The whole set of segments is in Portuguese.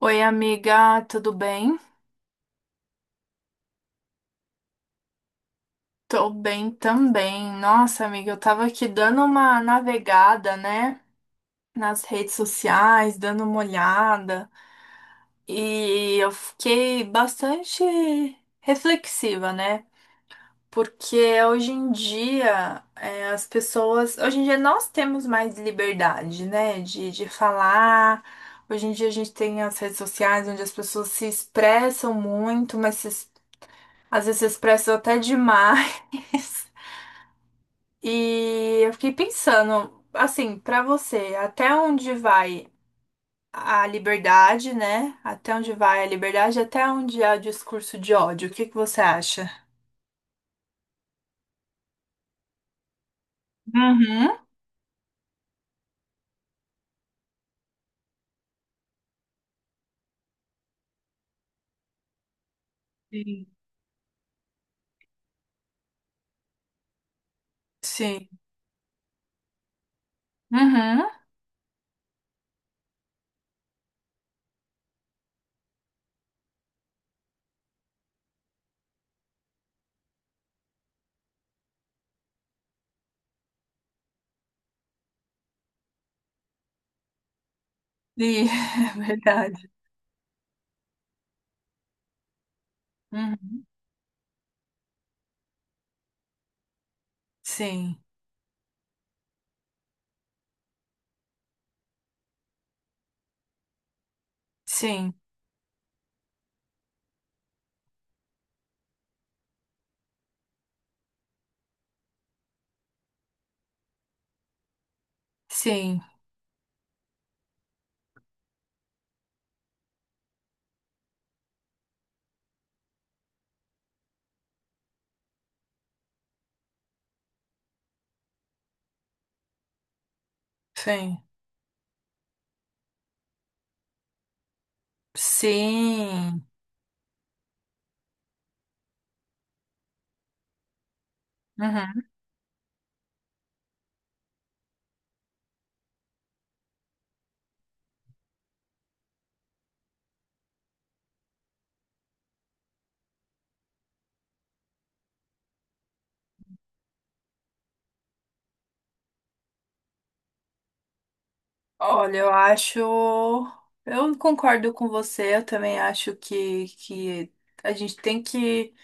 Oi, amiga, tudo bem? Tô bem também. Nossa, amiga, eu tava aqui dando uma navegada, né, nas redes sociais, dando uma olhada, e eu fiquei bastante reflexiva, né? Porque hoje em dia, as pessoas. Hoje em dia nós temos mais liberdade, né, de falar. Hoje em dia a gente tem as redes sociais onde as pessoas se expressam muito, mas se às vezes expressam até demais. E eu fiquei pensando, assim, pra você, até onde vai a liberdade, né? Até onde vai a liberdade, até onde há discurso de ódio? O que que você acha? Uhum. Sim. Sim. Uhum. E é verdade. Uhum. Sim. Sim. Sim. Sim. Sim. Uhum. Olha, eu acho. Eu concordo com você, eu também acho que a gente tem que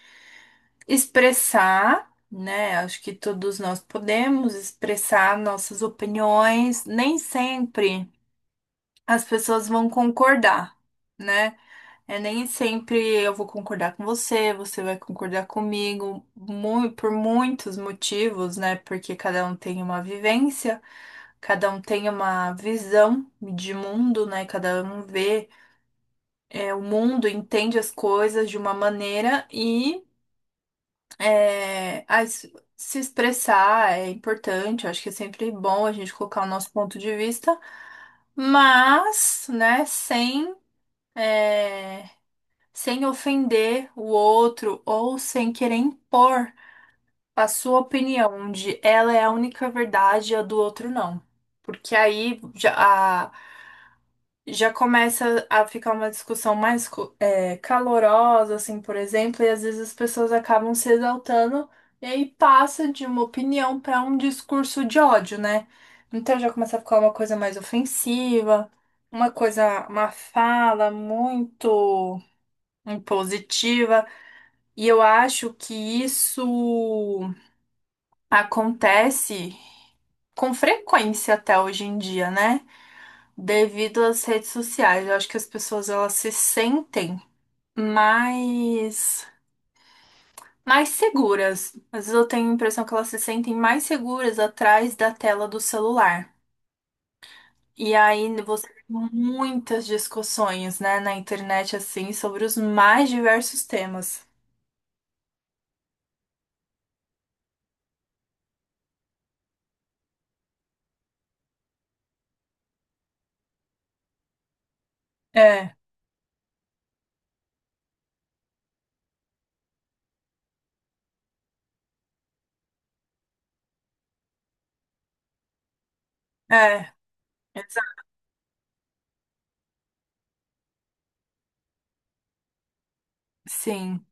expressar, né? Acho que todos nós podemos expressar nossas opiniões, nem sempre as pessoas vão concordar, né? É, nem sempre eu vou concordar com você, você vai concordar comigo, por muitos motivos, né? Porque cada um tem uma vivência, cada um tem uma visão de mundo, né? Cada um vê, o mundo, entende as coisas de uma maneira e é, as- se expressar é importante. Eu acho que é sempre bom a gente colocar o nosso ponto de vista, mas, né, é, sem ofender o outro ou sem querer impor a sua opinião, de ela é a única verdade e a do outro não. Porque aí a- já começa a ficar uma discussão mais calorosa, assim, por exemplo, e às vezes as pessoas acabam se exaltando e aí passa de uma opinião para um discurso de ódio, né? Então já começa a ficar uma coisa mais ofensiva, uma coisa, uma fala muito impositiva. E eu acho que isso acontece com frequência até hoje em dia, né? Devido às redes sociais. Eu acho que as pessoas elas se sentem mais mais seguras. Às vezes eu tenho a impressão que elas se sentem mais seguras atrás da tela do celular. E aí você tem muitas discussões, né, na internet assim sobre os mais diversos temas. É, é, exa- sim,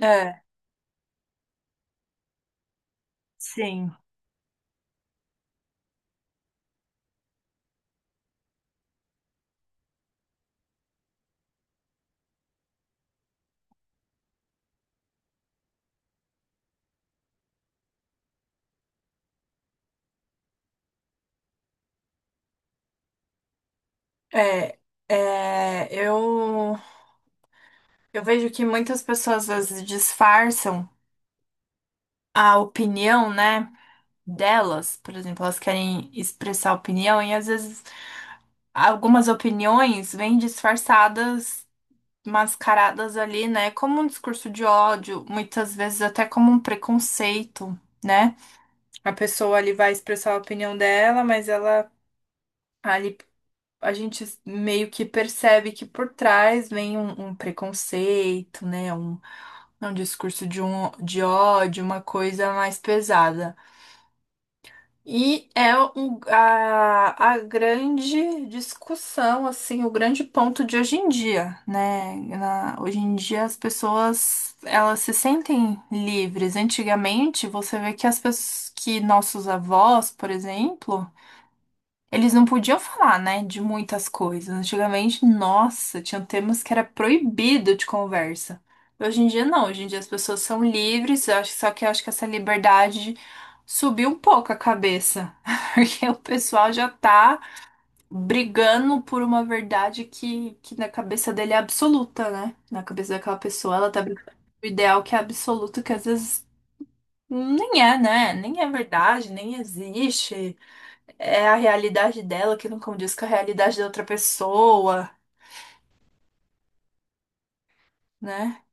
é, sim. É, é, eu vejo que muitas pessoas às vezes disfarçam a opinião, né, delas. Por exemplo, elas querem expressar opinião e às vezes algumas opiniões vêm disfarçadas, mascaradas ali, né, como um discurso de ódio, muitas vezes até como um preconceito, né? A pessoa ali vai expressar a opinião dela, mas ela ali a gente meio que percebe que por trás vem um preconceito, né? É um discurso de ódio, uma coisa mais pesada. E é a grande discussão, assim, o grande ponto de hoje em dia, né? Hoje em dia as pessoas, elas se sentem livres. Antigamente, você vê que as pessoas, que nossos avós, por exemplo, eles não podiam falar, né, de muitas coisas. Antigamente, nossa, tinha temas que era proibido de conversa. Hoje em dia não, hoje em dia as pessoas são livres, só que eu acho que essa liberdade subiu um pouco a cabeça, porque o pessoal já tá brigando por uma verdade que na cabeça dele é absoluta, né? Na cabeça daquela pessoa, ela tá brigando por um ideal que é absoluto, que às vezes nem é, né? Nem é verdade, nem existe é a realidade dela que não condiz com a realidade da outra pessoa, né?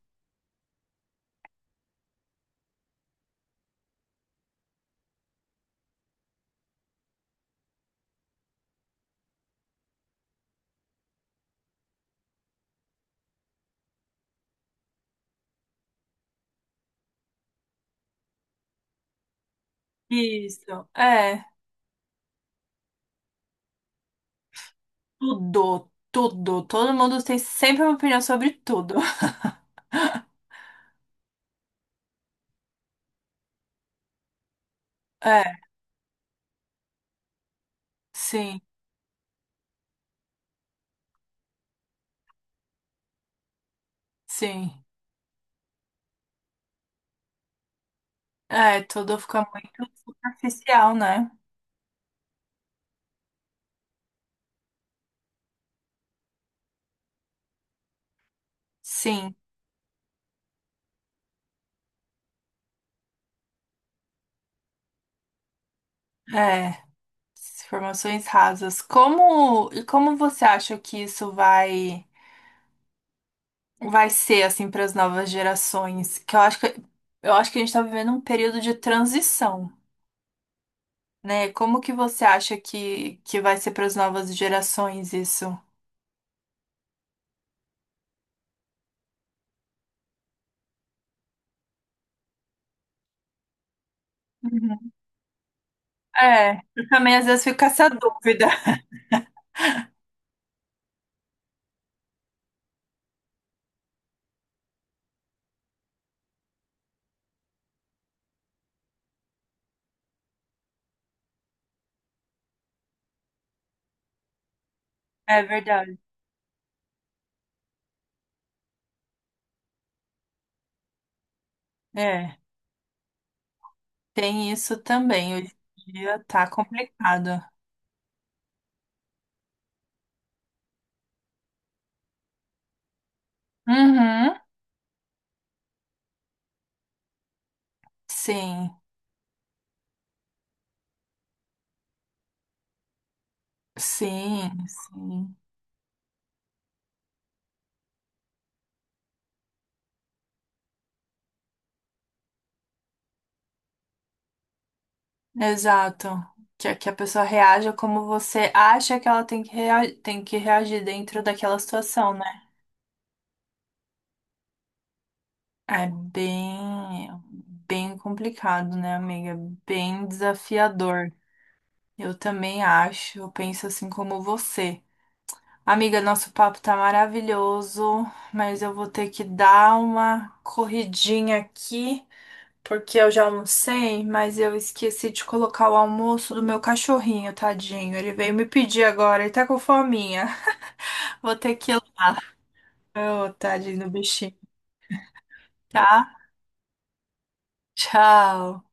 Isso, é. Tudo, tudo. Todo mundo tem sempre uma opinião sobre tudo. É, sim, sim. É, tudo fica muito superficial, né? Sim, é. Informações rasas. Como, e como você acha que isso vai ser assim para as novas gerações? Que eu acho que a gente está vivendo um período de transição. Né? Como que você acha que vai ser para as novas gerações isso? Uhum. É, eu também às vezes fico com essa dúvida. É verdade. É, tem isso também. Hoje em dia tá complicado. Uhum. Sim, sim, sim. Exato. Que a pessoa reaja como você acha que ela tem tem que reagir dentro daquela situação, né? É bem, bem complicado, né, amiga? Bem desafiador. Eu também acho, eu penso assim como você. Amiga, nosso papo tá maravilhoso, mas eu vou ter que dar uma corridinha aqui, porque eu já almocei, mas eu esqueci de colocar o almoço do meu cachorrinho, tadinho. Ele veio me pedir agora, ele tá com fominha. Vou ter que ir lá. Ô, tadinho do bichinho, tá? Tchau.